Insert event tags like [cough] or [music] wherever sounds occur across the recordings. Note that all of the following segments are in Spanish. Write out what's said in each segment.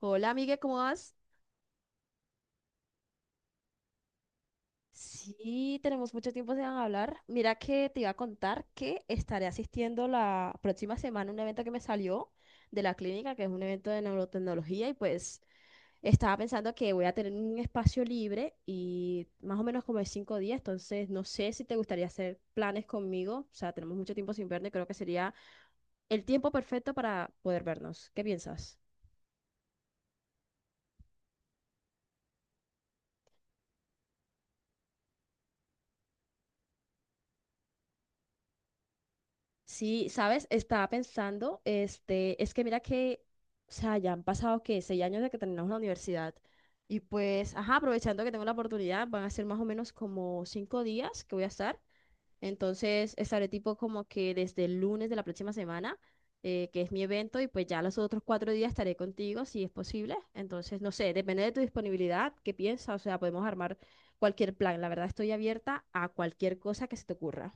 Hola, amiga, ¿cómo vas? Sí, tenemos mucho tiempo sin hablar. Mira que te iba a contar que estaré asistiendo la próxima semana a un evento que me salió de la clínica, que es un evento de neurotecnología, y pues estaba pensando que voy a tener un espacio libre y más o menos como de 5 días. Entonces no sé si te gustaría hacer planes conmigo. O sea, tenemos mucho tiempo sin vernos y creo que sería el tiempo perfecto para poder vernos. ¿Qué piensas? Sí, sabes, estaba pensando, este, es que mira que, o sea, ya han pasado que 6 años de que terminamos la universidad y pues, ajá, aprovechando que tengo la oportunidad, van a ser más o menos como 5 días que voy a estar. Entonces, estaré tipo como que desde el lunes de la próxima semana, que es mi evento, y pues ya los otros 4 días estaré contigo si es posible. Entonces, no sé, depende de tu disponibilidad, qué piensas. O sea, podemos armar cualquier plan. La verdad, estoy abierta a cualquier cosa que se te ocurra.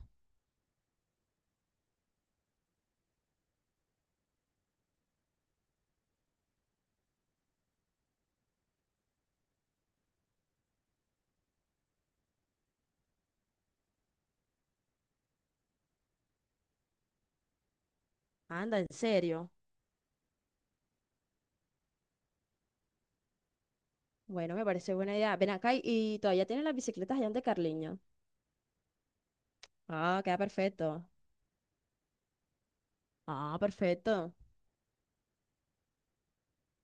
Anda, ¿en serio? Bueno, me parece buena idea. Ven acá y todavía tienen las bicicletas allá de Carliño. Ah, queda perfecto. Ah, perfecto.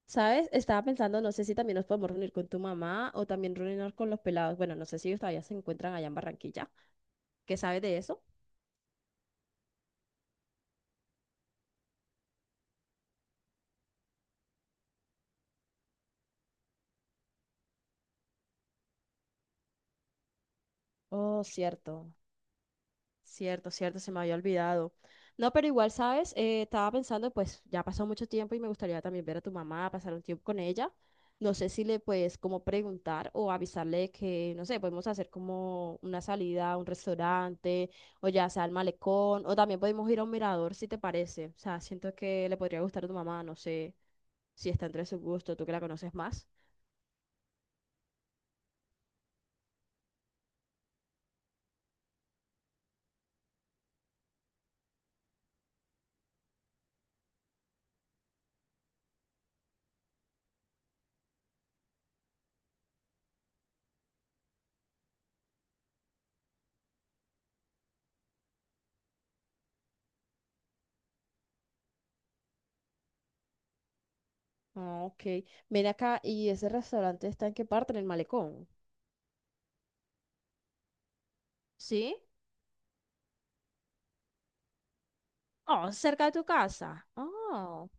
¿Sabes? Estaba pensando, no sé si también nos podemos reunir con tu mamá o también reunirnos con los pelados. Bueno, no sé si ellos todavía se encuentran allá en Barranquilla. ¿Qué sabes de eso? Oh, cierto. Cierto, cierto, se me había olvidado. No, pero igual, ¿sabes? Estaba pensando, pues ya ha pasado mucho tiempo y me gustaría también ver a tu mamá, pasar un tiempo con ella. No sé si le puedes como preguntar o avisarle que, no sé, podemos hacer como una salida a un restaurante o ya sea al malecón, o también podemos ir a un mirador si te parece. O sea, siento que le podría gustar a tu mamá, no sé si está entre su gusto, tú que la conoces más. Ah, ok. Ven acá, ¿y ese restaurante está en qué parte? ¿En el malecón? ¿Sí? Oh, cerca de tu casa. Oh,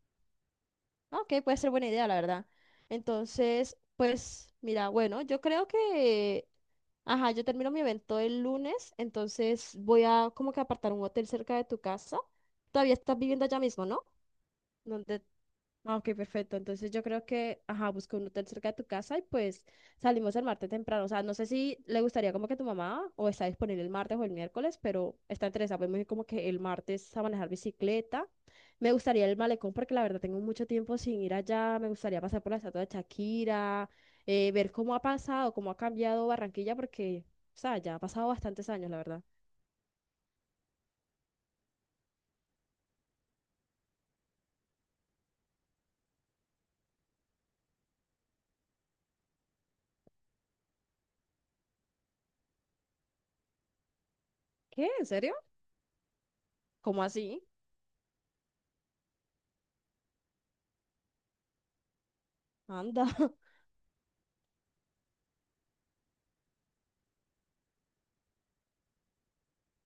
ok, puede ser buena idea, la verdad. Entonces, pues, mira, bueno, yo creo que, ajá, yo termino mi evento el lunes, entonces voy a como que apartar un hotel cerca de tu casa. Todavía estás viviendo allá mismo, ¿no? Donde Ah, ok, perfecto. Entonces yo creo que, ajá, busca un hotel cerca de tu casa y pues salimos el martes temprano. O sea, no sé si le gustaría como que tu mamá, o está disponible el martes o el miércoles, pero está interesada. Podemos ir como que el martes a manejar bicicleta. Me gustaría el malecón porque la verdad tengo mucho tiempo sin ir allá. Me gustaría pasar por la estatua de Shakira, ver cómo ha pasado, cómo ha cambiado Barranquilla porque, o sea, ya ha pasado bastantes años, la verdad. ¿Qué? ¿En serio? ¿Cómo así? Anda. [laughs]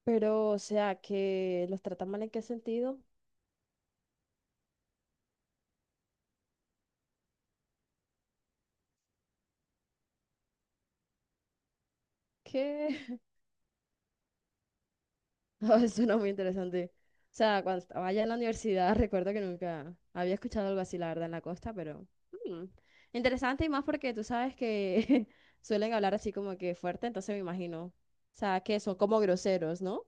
Pero, o sea, ¿que los tratan mal en qué sentido? ¿Qué? [laughs] Ah, suena muy interesante. O sea, cuando estaba allá en la universidad, [laughs] recuerdo que nunca había escuchado algo así, la verdad, en la costa, pero mm, interesante. Y más porque tú sabes que [laughs] suelen hablar así como que fuerte, entonces me imagino. O sea, que son como groseros, ¿no?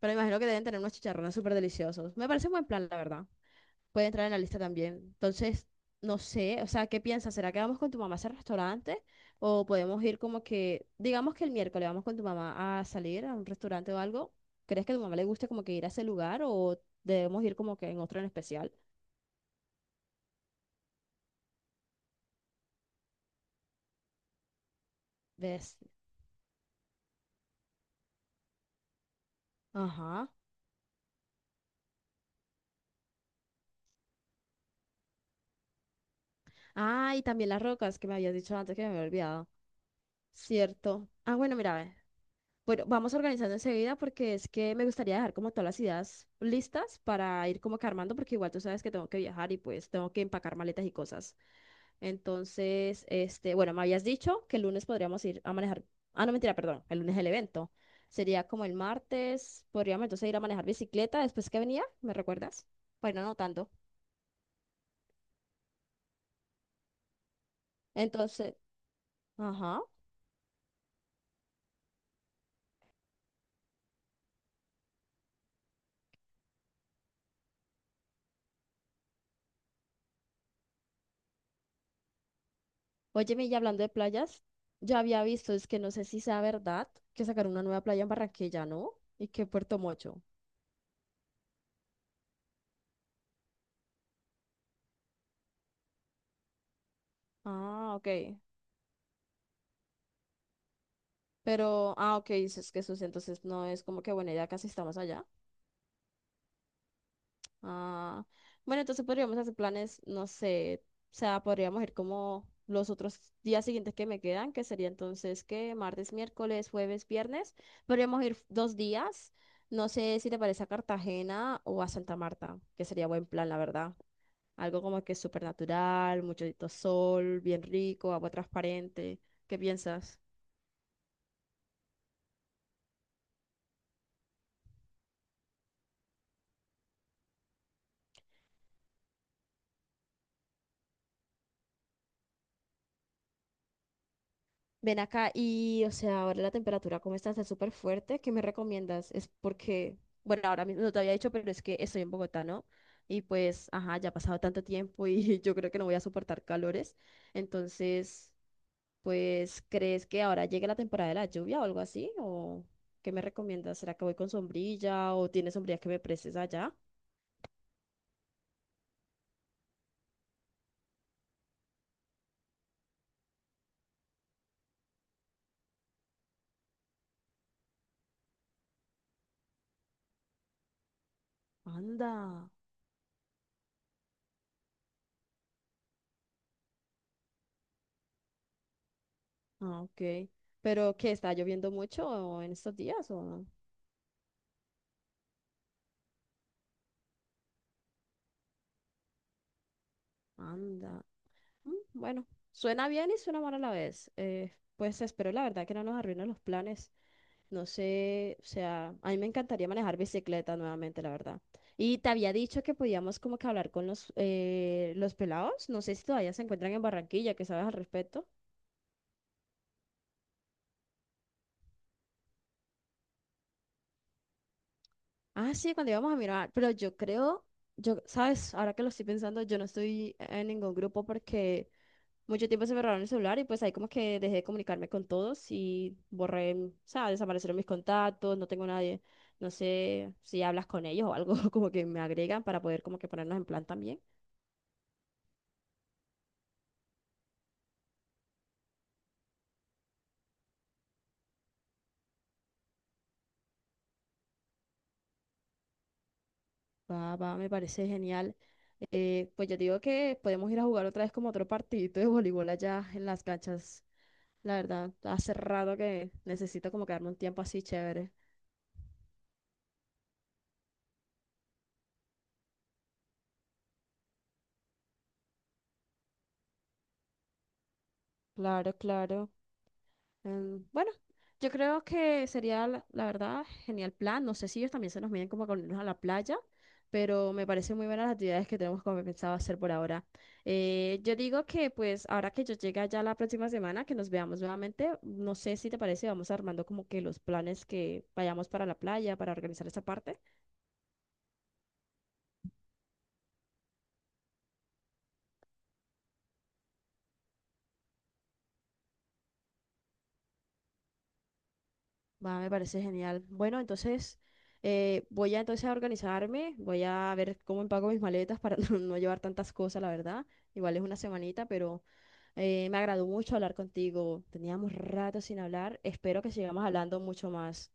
Pero me imagino que deben tener unos chicharrones súper deliciosos. Me parece un buen plan, la verdad. Puede entrar en la lista también. Entonces, no sé, o sea, ¿qué piensas? ¿Será que vamos con tu mamá a ese restaurante? ¿O podemos ir como que, digamos que el miércoles, vamos con tu mamá a salir a un restaurante o algo? ¿Crees que a tu mamá le guste como que ir a ese lugar, o debemos ir como que en otro en especial? ¿Ves? Ajá. Ah, y también Las Rocas, que me habías dicho antes, que me había olvidado. Cierto. Ah, bueno, mira, ve. Bueno, vamos organizando enseguida, porque es que me gustaría dejar como todas las ideas listas para ir como que armando, porque igual tú sabes que tengo que viajar y pues tengo que empacar maletas y cosas. Entonces, este, bueno, me habías dicho que el lunes podríamos ir a manejar. Ah, no, mentira, perdón, el lunes es el evento. Sería como el martes, podríamos entonces ir a manejar bicicleta después que venía, ¿me recuerdas? Bueno, ir anotando. Entonces, ajá. Óyeme, y hablando de playas, ya había visto, es que no sé si sea verdad, que sacaron una nueva playa en Barranquilla, ¿no? Y que Puerto Mocho. Ah, ok. Pero, ah, ok, dices que entonces no es como que, bueno, ya casi estamos allá. Ah, bueno, entonces podríamos hacer planes, no sé, o sea, podríamos ir como los otros días siguientes que me quedan, que sería entonces que martes, miércoles, jueves, viernes. Podríamos ir 2 días. No sé si te parece a Cartagena o a Santa Marta, que sería buen plan, la verdad. Algo como que súper natural, mucho sol, bien rico, agua transparente. ¿Qué piensas? Ven acá y, o sea, ahora la temperatura, ¿cómo está? Está súper fuerte. ¿Qué me recomiendas? Es porque, bueno, ahora mismo no te había dicho, pero es que estoy en Bogotá, ¿no? Y pues, ajá, ya ha pasado tanto tiempo y [laughs] yo creo que no voy a soportar calores. Entonces, pues, ¿crees que ahora llegue la temporada de la lluvia o algo así? ¿O qué me recomiendas? ¿Será que voy con sombrilla, o tienes sombrilla que me prestes allá? Anda. Ah, ok. ¿Pero qué? ¿Está lloviendo mucho en estos días o no? Anda. Mm, bueno, suena bien y suena mal a la vez. Pues espero la verdad que no nos arruinen los planes. No sé, o sea, a mí me encantaría manejar bicicleta nuevamente, la verdad. Y te había dicho que podíamos como que hablar con los pelados. No sé si todavía se encuentran en Barranquilla, ¿qué sabes al respecto? Ah, sí, cuando íbamos a mirar, pero yo creo, yo, ¿sabes? Ahora que lo estoy pensando, yo no estoy en ningún grupo porque mucho tiempo se me robaron el celular y pues ahí como que dejé de comunicarme con todos y borré, o sea, desaparecieron mis contactos, no tengo nadie. No sé si hablas con ellos o algo [laughs] como que me agregan para poder como que ponernos en plan también. Va, va, me parece genial. Pues yo digo que podemos ir a jugar otra vez como otro partidito de voleibol allá en las canchas. La verdad, hace rato que necesito como quedarme un tiempo así chévere. Claro, claro. Bueno, yo creo que sería, la verdad, genial plan. No sé si ellos también se nos miden como con irnos a la playa, pero me parecen muy buenas las actividades que tenemos como pensado hacer por ahora. Yo digo que pues ahora que yo llegue ya la próxima semana, que nos veamos nuevamente, no sé si te parece, vamos armando como que los planes que vayamos para la playa, para organizar esa parte. Va, me parece genial. Bueno, entonces voy a entonces a organizarme, voy a ver cómo empaco mis maletas para [laughs] no llevar tantas cosas, la verdad. Igual es una semanita, pero eh, me agradó mucho hablar contigo. Teníamos rato sin hablar. Espero que sigamos hablando mucho más.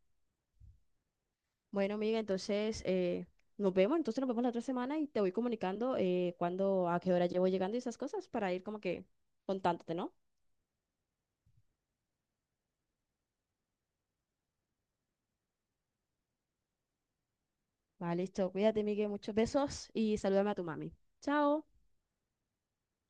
Bueno, amiga, entonces nos vemos. Entonces nos vemos la otra semana y te voy comunicando cuándo, a qué hora llevo llegando y esas cosas para ir como que contándote, ¿no? Vale, listo. Cuídate, Miguel. Muchos besos y salúdame a tu mami. Chao.